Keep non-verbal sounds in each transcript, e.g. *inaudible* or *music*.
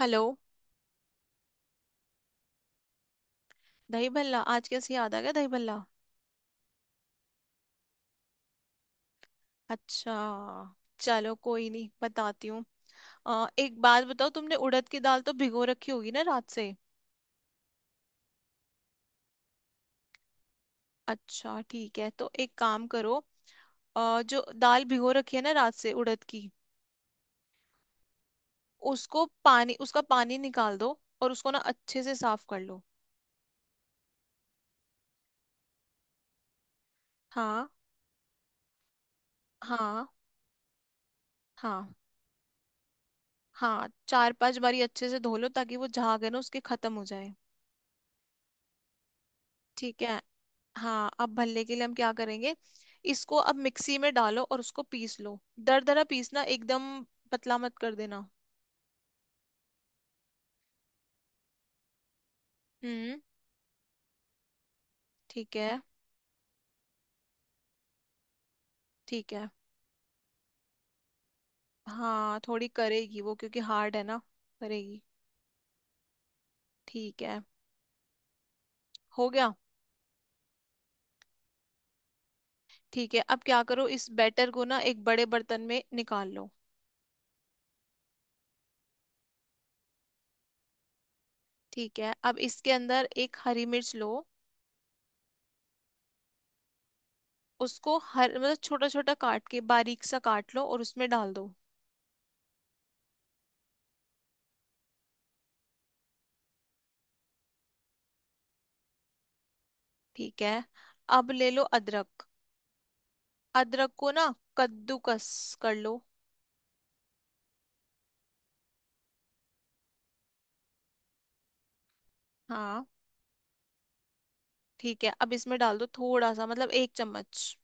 Hello. दही भल्ला आज कैसे याद आ गया दही भल्ला? अच्छा। चलो कोई नहीं बताती हूँ। एक बात बताओ, तुमने उड़द की दाल तो भिगो रखी होगी ना रात से? अच्छा ठीक है, तो एक काम करो। जो दाल भिगो रखी है ना रात से उड़द की, उसको पानी उसका पानी निकाल दो और उसको ना अच्छे से साफ कर लो। हाँ, हाँ, हाँ, हाँ, चार पांच बारी अच्छे से धो लो ताकि वो झाग है ना उसके खत्म हो जाए। ठीक है। हाँ, अब भल्ले के लिए हम क्या करेंगे। इसको अब मिक्सी में डालो और उसको पीस लो। दरदरा पीसना एकदम। पतला मत कर देना। हम्म। ठीक है। ठीक है। हाँ, थोड़ी करेगी वो, क्योंकि हार्ड है ना। करेगी। ठीक है। हो गया। ठीक है, अब क्या करो, इस बैटर को ना एक बड़े बर्तन में निकाल लो। ठीक है, अब इसके अंदर एक हरी मिर्च लो। उसको हर मतलब छोटा छोटा काट के बारीक सा काट लो और उसमें डाल दो। ठीक है। अब ले लो अदरक। अदरक को ना कद्दूकस कर लो। हाँ ठीक है, अब इसमें डाल दो थोड़ा सा मतलब एक चम्मच।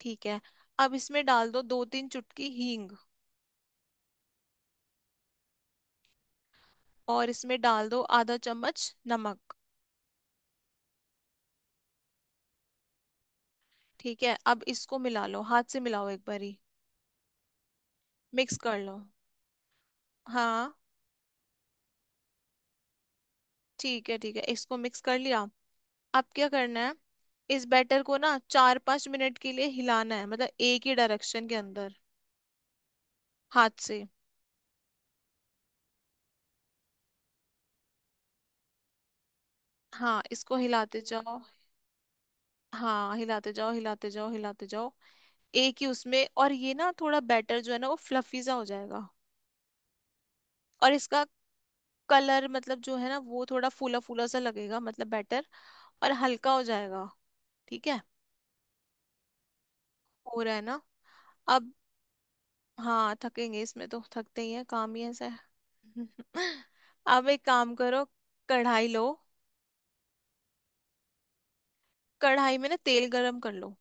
ठीक है। अब इसमें डाल दो दो तीन चुटकी हींग। और इसमें डाल दो आधा चम्मच नमक। ठीक है, अब इसको मिला लो, हाथ से मिलाओ एक बारी। मिक्स कर लो। हाँ। ठीक है, ठीक है, इसको मिक्स कर लिया। अब क्या करना है, इस बैटर को ना चार पांच मिनट के लिए हिलाना है, मतलब एक ही डायरेक्शन के अंदर। हाथ से। हाँ, इसको हिलाते जाओ। हाँ, हिलाते जाओ हिलाते जाओ हिलाते जाओ। एक ही उसमें, और ये ना थोड़ा बैटर जो है ना वो फ्लफी सा हो जाएगा। और इसका कलर मतलब जो है ना वो थोड़ा फूला फूला सा लगेगा, मतलब बैटर। और हल्का हो जाएगा। ठीक है। हो रहा है ना? अब, हाँ थकेंगे, इसमें तो थकते ही है, काम ही ऐसा है। *laughs* अब एक काम करो। कढ़ाई लो। कढ़ाई में ना तेल गरम कर लो।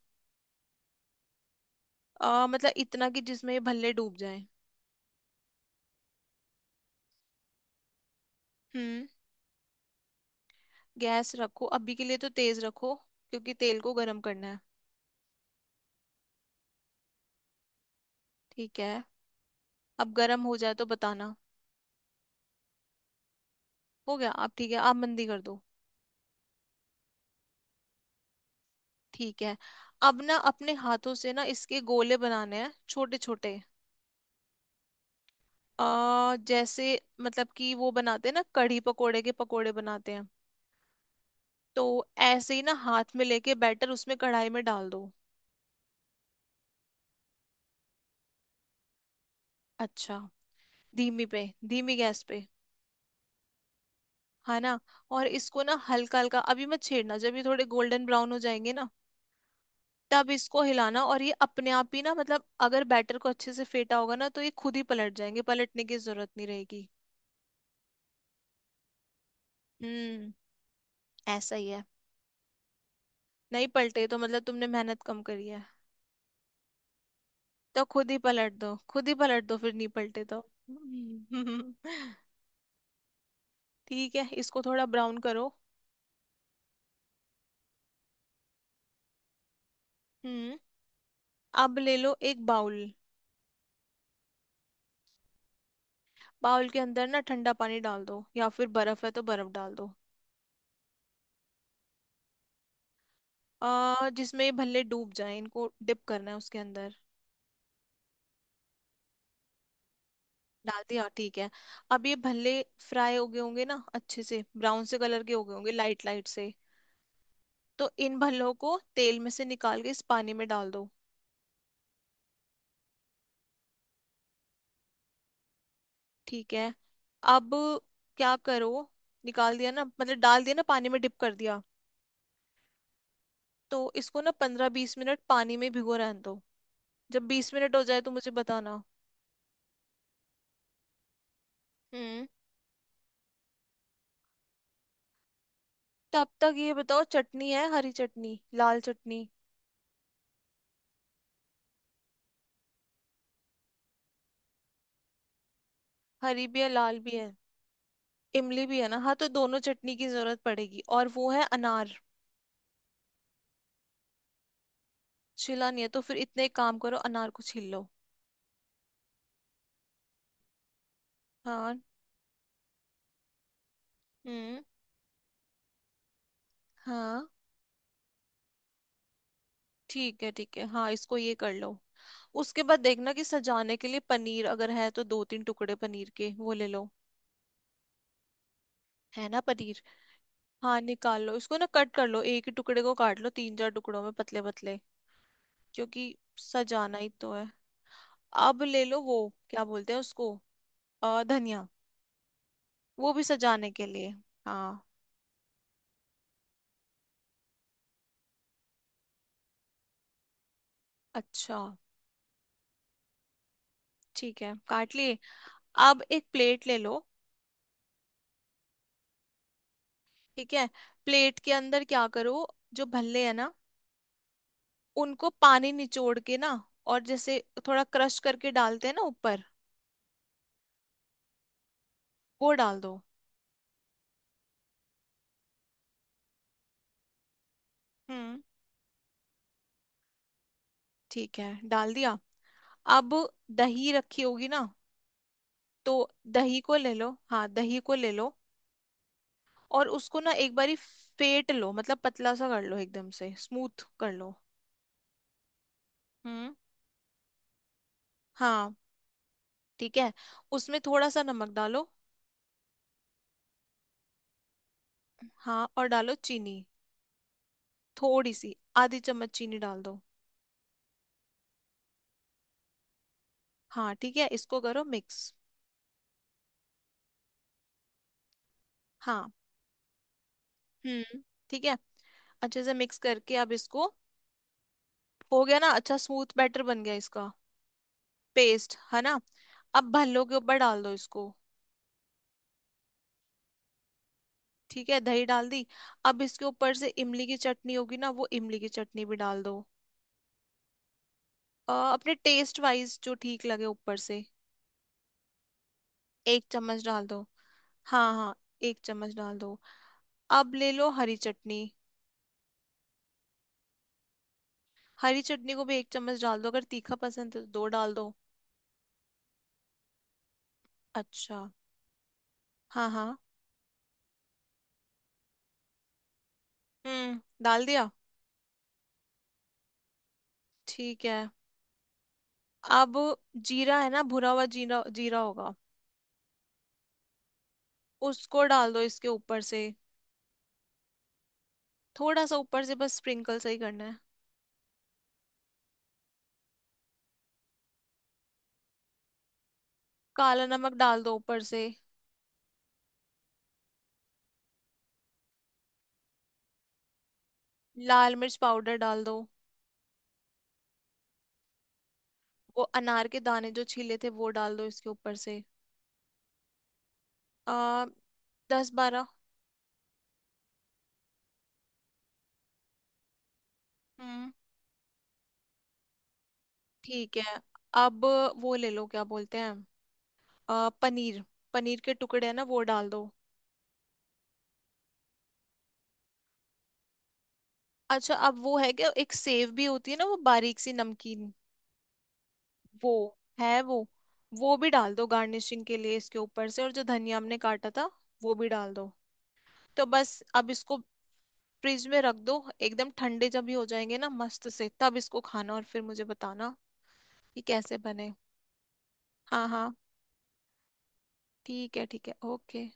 मतलब इतना कि जिसमें ये भल्ले डूब जाए। हम्म। गैस रखो, अभी के लिए तो तेज रखो, क्योंकि तेल को गरम करना है। ठीक है, अब गरम हो जाए तो बताना। हो गया आप? ठीक है, आप मंदी कर दो। ठीक है, अब ना अपने हाथों से ना इसके गोले बनाने हैं, छोटे छोटे। आ जैसे मतलब कि वो बनाते हैं ना कढ़ी पकोड़े के, पकोड़े बनाते हैं। तो ऐसे ही ना हाथ में लेके बैटर उसमें कढ़ाई में डाल दो। अच्छा। धीमी पे, धीमी गैस पे। है ना। और इसको ना हल्का हल्का अभी मत छेड़ना, जब ये थोड़े गोल्डन ब्राउन हो जाएंगे ना, तब इसको हिलाना, और ये अपने आप ही ना, मतलब अगर बैटर को अच्छे से फेटा होगा ना तो ये खुद ही पलट जाएंगे, पलटने की जरूरत नहीं रहेगी। हम्म। ऐसा ही है। नहीं पलटे तो मतलब तुमने मेहनत कम करी है। तो खुद ही पलट दो, खुद ही पलट दो, फिर नहीं पलटे तो। हम्म, *laughs* ठीक है, इसको थोड़ा ब्राउन करो। हम्म। अब ले लो एक बाउल। बाउल के अंदर ना ठंडा पानी डाल दो, या फिर बर्फ है तो बर्फ डाल दो। जिसमें ये भल्ले डूब जाए, इनको डिप करना है उसके अंदर। डाल दिया, ठीक है। अब ये भल्ले फ्राई हो गए होंगे ना अच्छे से, ब्राउन से कलर के हो गए होंगे, लाइट लाइट से। तो इन भल्लों को तेल में से निकाल के इस पानी में डाल दो। ठीक है, अब क्या करो, निकाल दिया ना, मतलब डाल दिया ना, पानी में डिप कर दिया। तो इसको ना पंद्रह बीस मिनट पानी में भिगो रहने दो। जब 20 मिनट हो जाए तो मुझे बताना। हम्म। तब तक ये बताओ, चटनी है? हरी चटनी, लाल चटनी? हरी भी है लाल भी है इमली भी है ना, हाँ, तो दोनों चटनी की जरूरत पड़ेगी, और वो है अनार। छिला नहीं है, तो फिर इतने एक काम करो, अनार को छील लो। हाँ। हम्म। हाँ ठीक है, ठीक है, हाँ, इसको ये कर लो। उसके बाद देखना कि सजाने के लिए पनीर अगर है तो दो तीन टुकड़े पनीर के वो ले लो। है ना पनीर? हाँ, निकाल लो, इसको ना कट कर लो, एक ही टुकड़े को काट लो तीन चार टुकड़ों में, पतले पतले, क्योंकि सजाना ही तो है। अब ले लो वो, क्या बोलते हैं उसको, धनिया। वो भी सजाने के लिए। हाँ। अच्छा। ठीक है, काट लिए। अब एक प्लेट ले लो। ठीक है, प्लेट के अंदर क्या करो, जो भल्ले है ना उनको पानी निचोड़ के ना, और जैसे थोड़ा क्रश करके डालते हैं ना ऊपर, वो डाल दो। हम्म। ठीक है, डाल दिया। अब, दही रखी होगी ना, तो दही को ले लो, हाँ, दही को ले लो। और उसको ना एक बारी फेट लो, मतलब पतला सा कर लो, एकदम से स्मूथ कर लो। हम्म। हाँ ठीक है। उसमें थोड़ा सा नमक डालो। हाँ, और डालो चीनी। थोड़ी सी, आधी चम्मच चीनी डाल दो। हाँ ठीक है, इसको करो मिक्स। हाँ। हम्म। ठीक है। अच्छे से मिक्स करके, अब इसको, हो गया ना अच्छा स्मूथ बैटर बन गया इसका, पेस्ट है ना। अब भल्लो के ऊपर डाल दो इसको। ठीक है, दही डाल दी। अब इसके ऊपर से इमली की चटनी होगी ना, वो इमली की चटनी भी डाल दो। अपने टेस्ट वाइज जो ठीक लगे ऊपर से। एक चम्मच डाल दो। हाँ हाँ, एक चम्मच डाल दो। अब ले लो हरी चटनी। हरी चटनी को भी एक चम्मच डाल दो, अगर तीखा पसंद है तो दो डाल दो। अच्छा। हाँ हाँ। हम्म, डाल दिया। ठीक है। अब, जीरा है ना, भुना हुआ जीरा, जीरा होगा। उसको डाल दो इसके ऊपर से। थोड़ा सा ऊपर से, बस स्प्रिंकल सही करना है। काला नमक डाल दो ऊपर से। लाल मिर्च पाउडर डाल दो। वो अनार के दाने जो छीले थे, वो डाल दो इसके ऊपर से। आ, दस बारह। हम्म। ठीक है। अब वो ले लो, क्या बोलते हैं, पनीर। पनीर के टुकड़े है ना, वो डाल दो। अच्छा, अब वो है क्या, एक सेव भी होती है ना, वो बारीक सी नमकीन। वो है वो भी डाल दो गार्निशिंग के लिए इसके ऊपर से, और जो धनिया हमने काटा था वो भी डाल दो। तो बस अब इसको फ्रिज में रख दो। एकदम ठंडे जब ये हो जाएंगे ना मस्त से, तब इसको खाना और फिर मुझे बताना कि कैसे बने। हाँ हाँ। ठीक है, ठीक है। ओके।